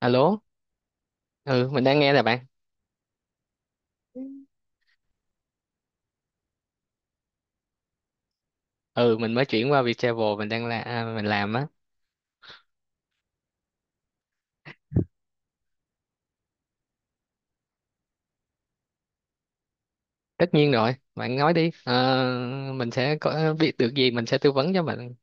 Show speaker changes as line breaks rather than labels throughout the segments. Alo, ừ mình đang nghe nè bạn. Ừ. Ừ mình mới chuyển qua Viettravel mình đang mình làm á. Tất nhiên rồi, bạn nói đi. Ờ, mình sẽ có biết được gì mình sẽ tư vấn cho bạn.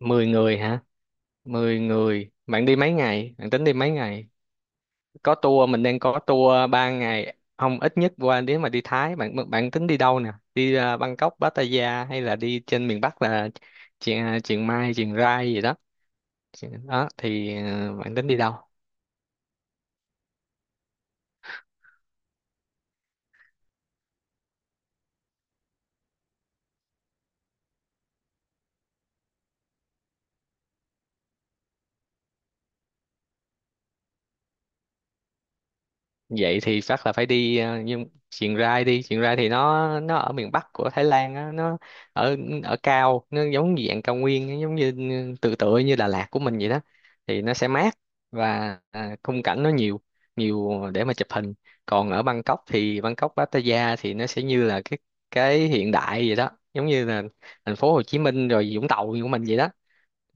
10 người hả? 10 người. Bạn đi mấy ngày? Bạn tính đi mấy ngày? Có tour Mình đang có tour 3 ngày. Không ít nhất qua nếu mà đi Thái bạn bạn tính đi đâu nè? Đi Bangkok, Pattaya hay là đi trên miền Bắc là Chiang Chiang Mai, Chiang Rai gì đó. Đó thì bạn tính đi đâu? Vậy thì chắc là phải đi nhưng Chiang Rai đi Chiang Rai thì nó ở miền Bắc của Thái Lan á, nó ở ở cao, nó giống như dạng cao nguyên, nó giống như tựa như Đà Lạt của mình vậy đó, thì nó sẽ mát và khung cảnh nó nhiều, nhiều để mà chụp hình. Còn ở Bangkok Pattaya thì nó sẽ như là cái hiện đại vậy đó, giống như là thành phố Hồ Chí Minh rồi Vũng Tàu của mình vậy đó.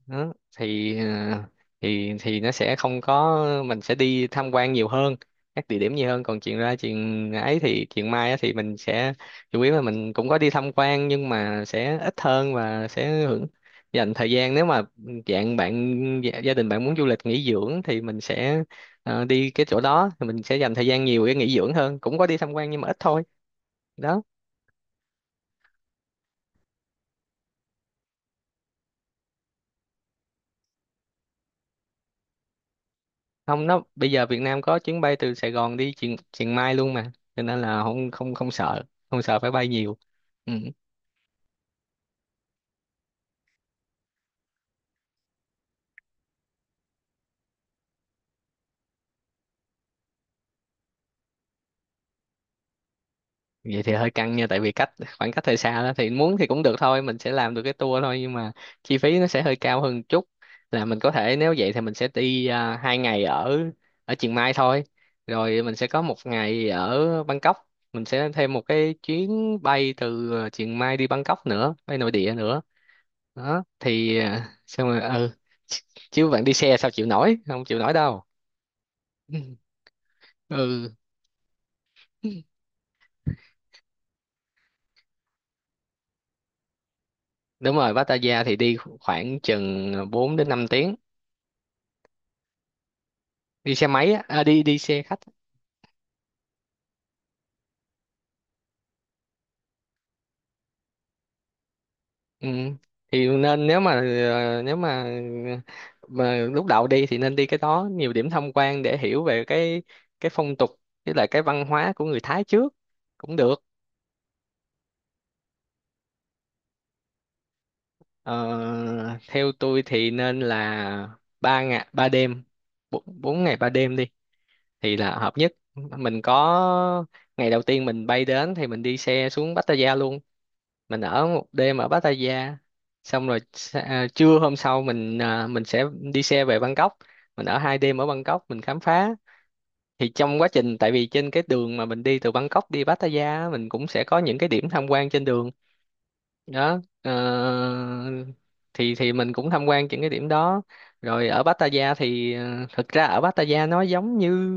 Đó thì thì nó sẽ không có, mình sẽ đi tham quan nhiều hơn, các địa điểm nhiều hơn, còn chuyện ra chuyện ấy thì chuyện mai á thì mình sẽ chủ yếu là mình cũng có đi tham quan nhưng mà sẽ ít hơn, và sẽ hưởng dành thời gian. Nếu mà dạng bạn gia gia đình bạn muốn du lịch nghỉ dưỡng thì mình sẽ đi cái chỗ đó, thì mình sẽ dành thời gian nhiều để nghỉ dưỡng hơn, cũng có đi tham quan nhưng mà ít thôi. Đó. Không, nó bây giờ Việt Nam có chuyến bay từ Sài Gòn đi Chiang Chiang Mai luôn mà, cho nên là không, không, không sợ, không sợ phải bay nhiều. Ừ. Vậy thì hơi căng nha, tại vì khoảng cách hơi xa đó, thì muốn thì cũng được thôi, mình sẽ làm được cái tour thôi, nhưng mà chi phí nó sẽ hơi cao hơn một chút. Là mình có thể, nếu vậy thì mình sẽ đi 2 ngày ở ở Chiang Mai thôi, rồi mình sẽ có 1 ngày ở Bangkok, mình sẽ thêm một cái chuyến bay từ Chiang Mai đi Bangkok nữa, bay nội địa nữa. Đó thì xong rồi. Ừ, chứ bạn đi xe sao chịu nổi, không chịu nổi đâu. Ừ, đúng rồi, Pattaya thì đi khoảng chừng 4 đến 5 tiếng. Đi xe máy á, đi đi xe khách á. Ừ. Nên nếu mà lúc đầu đi thì nên đi cái đó nhiều điểm tham quan để hiểu về cái phong tục với lại cái văn hóa của người Thái trước cũng được. Ờ, Theo tôi thì nên là 3 ngày 3 đêm, bốn bốn ngày ba đêm đi thì là hợp nhất. Mình có ngày đầu tiên mình bay đến thì mình đi xe xuống Pattaya luôn, mình ở 1 đêm ở Pattaya. Xong rồi trưa hôm sau mình sẽ đi xe về Bangkok, mình ở 2 đêm ở Bangkok, mình khám phá. Thì trong quá trình, tại vì trên cái đường mà mình đi từ Bangkok đi Pattaya á, mình cũng sẽ có những cái điểm tham quan trên đường đó. Ờ, thì mình cũng tham quan những cái điểm đó, rồi ở Pattaya thì thực ra ở Pattaya nó giống như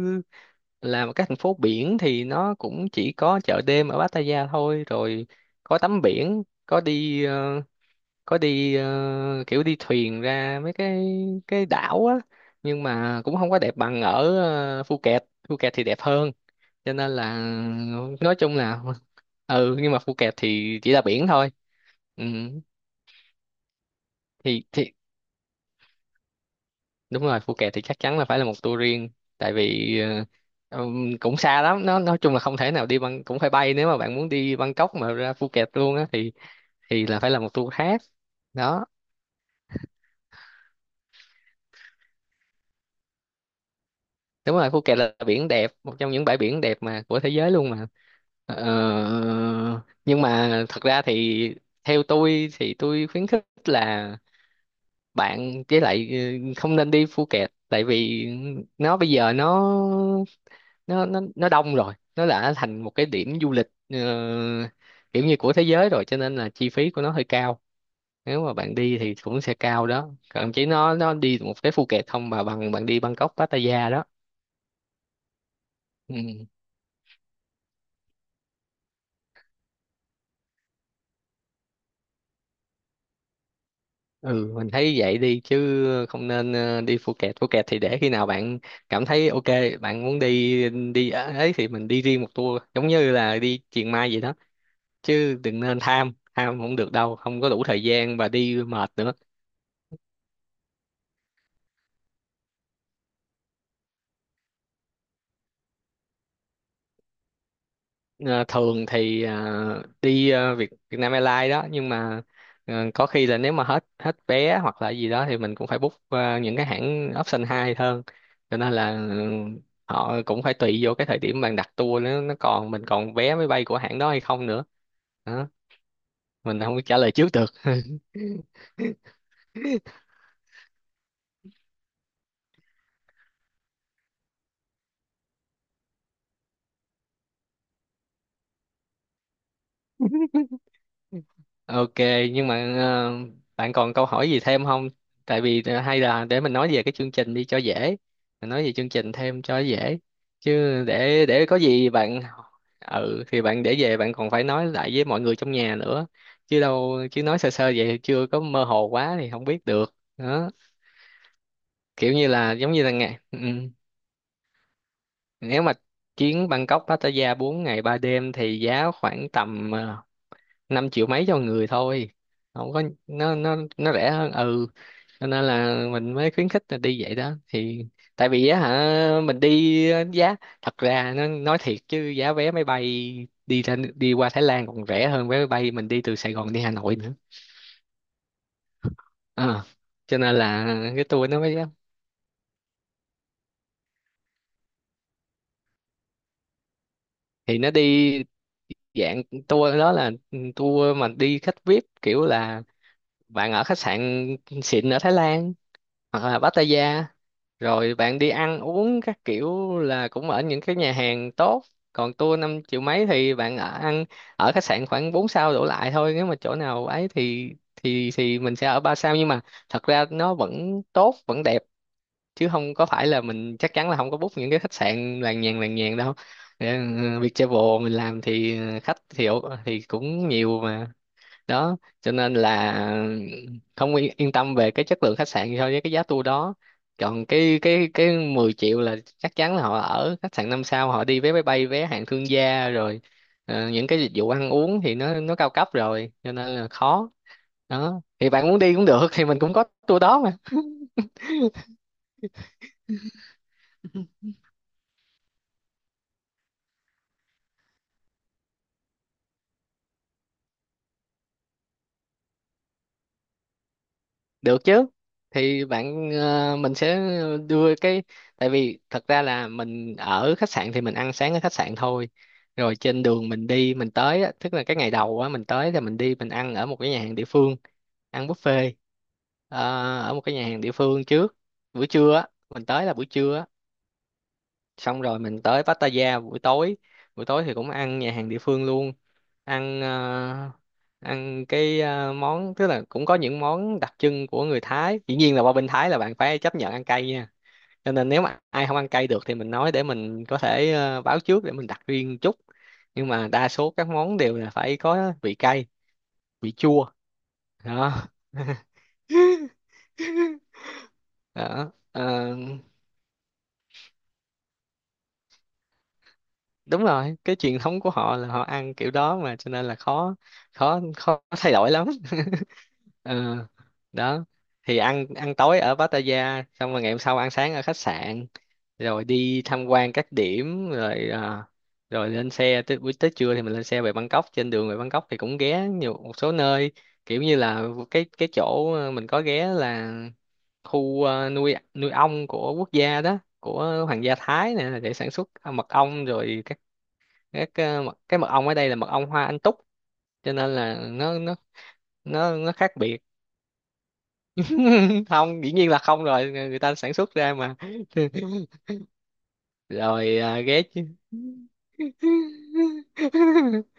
là một cái thành phố biển, thì nó cũng chỉ có chợ đêm ở Pattaya thôi, rồi có tắm biển, kiểu đi thuyền ra mấy cái đảo á, nhưng mà cũng không có đẹp bằng ở Phuket Phuket thì đẹp hơn, cho nên là, nói chung là ừ, nhưng mà Phuket thì chỉ là biển thôi. Ừ. thì đúng rồi, Phuket thì chắc chắn là phải là một tour riêng, tại vì cũng xa lắm, nó nói chung là không thể nào đi bằng, cũng phải bay, nếu mà bạn muốn đi Bangkok mà ra Phuket luôn á thì là phải là một tour khác. Đó. Đúng rồi, Phuket là biển đẹp, một trong những bãi biển đẹp mà của thế giới luôn mà. Ờ, nhưng mà thật ra thì theo tôi thì tôi khuyến khích là bạn với lại không nên đi Phuket, tại vì nó bây giờ nó đông rồi, nó đã thành một cái điểm du lịch kiểu như của thế giới rồi, cho nên là chi phí của nó hơi cao. Nếu mà bạn đi thì cũng sẽ cao đó, còn chỉ nó đi một cái Phuket không mà bằng bạn đi Bangkok Pattaya đó. Ừ. Ừ, mình thấy vậy đi chứ không nên đi Phuket Phuket thì để khi nào bạn cảm thấy ok, bạn muốn đi đi ấy thì mình đi riêng một tour, giống như là đi Chiang Mai vậy đó, chứ đừng nên tham, tham không được đâu, không có đủ thời gian và đi mệt nữa. Ờ, Thường thì đi Việt Việt Nam Airlines đó, nhưng mà có khi là nếu mà hết hết vé hoặc là gì đó thì mình cũng phải book những cái hãng option 2 hơn, cho nên là ừ, họ cũng phải tùy vô cái thời điểm bạn đặt tour, nó còn mình còn vé máy bay của hãng đó hay không nữa. Đó. Mình không biết trả lời trước được. Ok, nhưng mà bạn còn câu hỏi gì thêm không? Tại vì hay là để mình nói về cái chương trình đi cho dễ. Mình nói về chương trình thêm cho dễ. Chứ để có gì bạn, ừ, thì bạn để về bạn còn phải nói lại với mọi người trong nhà nữa. Chứ đâu, chứ nói sơ sơ vậy chưa, có mơ hồ quá thì không biết được. Đó, kiểu như là giống như là ngày, ừ. Ừ. Nếu mà chuyến Bangkok Pattaya 4 ngày 3 đêm thì giá khoảng tầm 5 triệu mấy cho người thôi. Không có, nó rẻ hơn. Ừ, cho nên là mình mới khuyến khích là đi vậy đó thì. Tại vì á hả, mình đi á, giá thật ra nó, nói thiệt chứ giá vé máy bay đi ra, đi qua Thái Lan còn rẻ hơn vé máy bay mình đi từ Sài Gòn đi Hà Nội nữa. Ờ. Cho nên là cái tour nó mới. Thì nó đi dạng tour đó là tour mà đi khách VIP, kiểu là bạn ở khách sạn xịn ở Thái Lan hoặc là Pattaya, rồi bạn đi ăn uống các kiểu là cũng ở những cái nhà hàng tốt. Còn tour 5 triệu mấy thì bạn ở ăn ở khách sạn khoảng 4 sao đổ lại thôi, nếu mà chỗ nào ấy thì mình sẽ ở 3 sao, nhưng mà thật ra nó vẫn tốt vẫn đẹp, chứ không có phải là mình, chắc chắn là không có book những cái khách sạn làng nhàng đâu. Ừ, Viettravel mình làm thì khách thì thì cũng nhiều mà. Đó cho nên là không yên tâm về cái chất lượng khách sạn so với cái giá tour đó. Còn cái 10 triệu là chắc chắn là họ ở khách sạn 5 sao, họ đi vé máy bay vé hạng thương gia rồi, những cái dịch vụ ăn uống thì nó cao cấp rồi, cho nên là khó. Đó thì bạn muốn đi cũng được, thì mình cũng có tour đó. Được chứ. Thì mình sẽ đưa cái, tại vì thật ra là mình ở khách sạn thì mình ăn sáng ở khách sạn thôi. Rồi trên đường mình đi mình tới á, tức là cái ngày đầu á, mình tới thì mình đi, mình ăn ở một cái nhà hàng địa phương, ăn buffet ờ, ở một cái nhà hàng địa phương trước. Buổi trưa á, mình tới là buổi trưa á, xong rồi mình tới Pattaya buổi tối, buổi tối thì cũng ăn nhà hàng địa phương luôn. Ăn ăn món, tức là cũng có những món đặc trưng của người Thái. Dĩ nhiên là qua bên Thái là bạn phải chấp nhận ăn cay nha, cho nên nếu mà ai không ăn cay được thì mình nói để mình có thể báo trước để mình đặt riêng chút. Nhưng mà đa số các món đều là phải có vị cay, vị chua đó. Đó. Ờ, đúng rồi, cái truyền thống của họ là họ ăn kiểu đó mà, cho nên là khó, khó thay đổi lắm. Ờ, đó, thì ăn, ăn tối ở Pattaya xong rồi ngày hôm sau ăn sáng ở khách sạn, rồi đi tham quan các điểm, rồi rồi lên xe tới buổi, tới trưa thì mình lên xe về Bangkok. Trên đường về Bangkok thì cũng ghé nhiều, một số nơi, kiểu như là cái chỗ mình có ghé là khu nuôi nuôi ong của quốc gia đó, của hoàng gia Thái nè, để sản xuất mật ong. Rồi cái mật ong ở đây là mật ong hoa anh túc, cho nên là nó nó khác biệt. Không, dĩ nhiên là không rồi, người, người ta sản xuất ra mà. Rồi ghé chứ.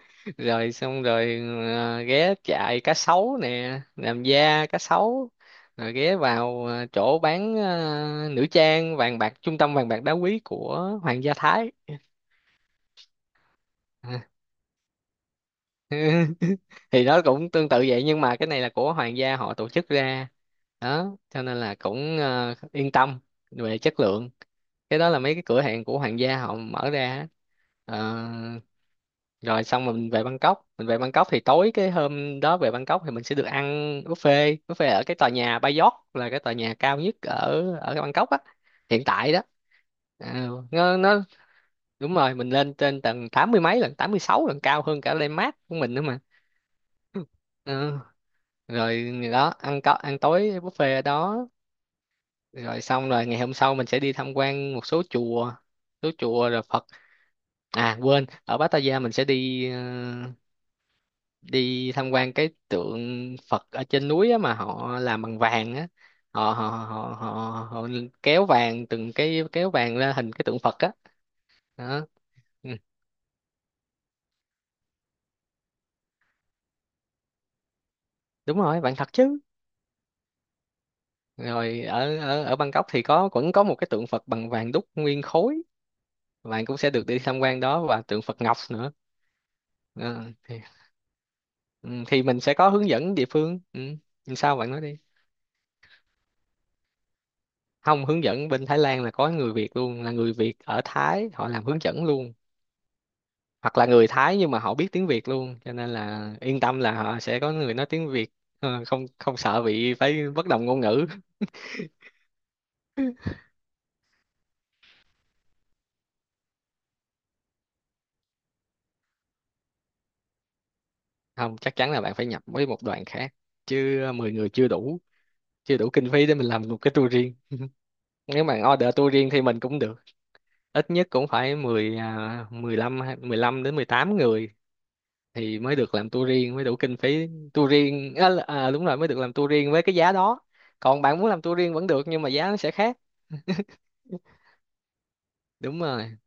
Rồi xong rồi ghé chạy cá sấu nè, làm da cá sấu, rồi ghé vào chỗ bán nữ trang vàng bạc, trung tâm vàng bạc đá quý của Hoàng gia Thái. À, thì nó cũng tương tự vậy nhưng mà cái này là của hoàng gia họ tổ chức ra đó, cho nên là cũng yên tâm về chất lượng. Cái đó là mấy cái cửa hàng của hoàng gia họ mở ra á. Ờ, rồi xong mình về Bangkok, mình về Bangkok thì tối cái hôm đó về Bangkok thì mình sẽ được ăn buffet, buffet ở cái tòa nhà Bayot, là cái tòa nhà cao nhất ở ở Bangkok á hiện tại đó. Ờ, nó Đúng rồi, mình lên trên tầng tám mươi mấy, lần tám mươi sáu, lần cao hơn cả Landmark của mình nữa mà. Ờ, rồi đó, ăn, có ăn tối buffet ở đó, rồi xong rồi ngày hôm sau mình sẽ đi tham quan một số chùa, rồi Phật, à quên, ở Pattaya mình sẽ đi đi tham quan cái tượng Phật ở trên núi á mà họ làm bằng vàng á. Họ họ họ họ, Họ kéo vàng, từng cái kéo vàng ra hình cái tượng Phật á đó. Ừ, đúng rồi, vàng thật chứ. Rồi ở ở ở Bangkok thì có, vẫn có một cái tượng Phật bằng vàng đúc nguyên khối, bạn cũng sẽ được đi tham quan đó, và tượng Phật Ngọc nữa. Ờ, thì, ừ, thì mình sẽ có hướng dẫn địa phương, ừ. Nhưng sao bạn nói đi. Không, hướng dẫn bên Thái Lan là có người Việt luôn, là người Việt ở Thái họ làm hướng dẫn luôn, hoặc là người Thái nhưng mà họ biết tiếng Việt luôn, cho nên là yên tâm là họ sẽ có người nói tiếng Việt. Ờ, không không sợ bị phải bất đồng ngôn ngữ. Không, chắc chắn là bạn phải nhập với một đoàn khác chứ, 10 người chưa đủ, chưa đủ kinh phí để mình làm một cái tour riêng. Nếu mà order tour riêng thì mình cũng được, ít nhất cũng phải 10 15 hay- 15 đến 18 người thì mới được làm tour riêng, mới đủ kinh phí. Tour riêng đúng rồi, mới được làm tour riêng với cái giá đó, còn bạn muốn làm tour riêng vẫn được nhưng mà giá nó sẽ khác. Đúng rồi.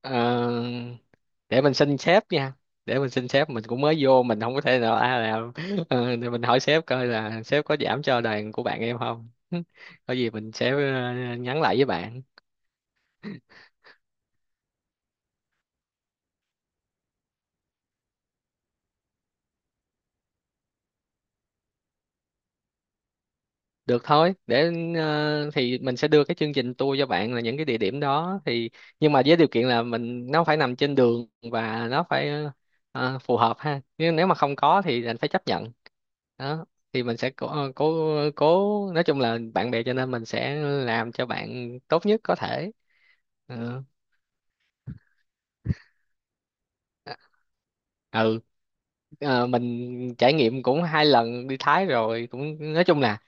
Ờ, để mình xin sếp nha, để mình xin sếp, mình cũng mới vô mình không có thể nào làm. Ờ, thì mình hỏi sếp coi là sếp có giảm cho đoàn của bạn em không. Có gì mình sẽ nhắn lại với bạn. Được thôi, để thì mình sẽ đưa cái chương trình tour cho bạn là những cái địa điểm đó thì, nhưng mà với điều kiện là mình, nó phải nằm trên đường và nó phải phù hợp ha. Nhưng nếu mà không có thì anh phải chấp nhận. Đó, thì mình sẽ cố, ờ, cố cố, nói chung là bạn bè cho nên mình sẽ làm cho bạn tốt nhất có thể. Ừ. Ừ. Ờ, mình trải nghiệm cũng 2 lần đi Thái rồi, cũng nói chung là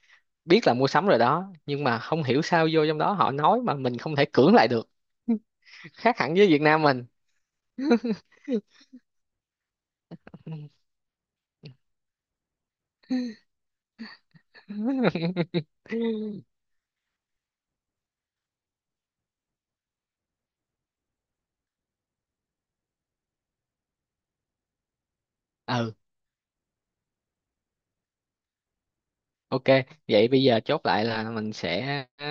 biết là mua sắm rồi đó, nhưng mà không hiểu sao vô trong đó họ nói mà mình không thể cưỡng lại được. Khác hẳn với Việt Nam mình. Ừ. Ok, vậy bây giờ chốt lại là mình sẽ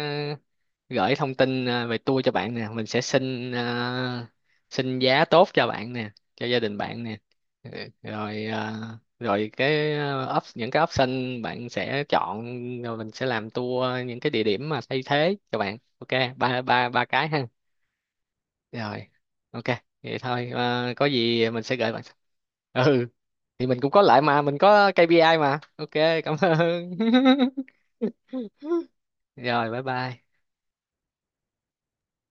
gửi thông tin về tour cho bạn nè, mình sẽ xin xin giá tốt cho bạn nè, cho gia đình bạn nè. Ừ, rồi rồi những cái option bạn sẽ chọn, rồi mình sẽ làm tour những cái địa điểm mà thay thế cho bạn, ok ba ba ba cái ha. Rồi. Ok, vậy thôi, có gì mình sẽ gửi bạn. Ừ, thì mình cũng có lại mà, mình có KPI mà. Ok, cảm ơn. Rồi, bye bye.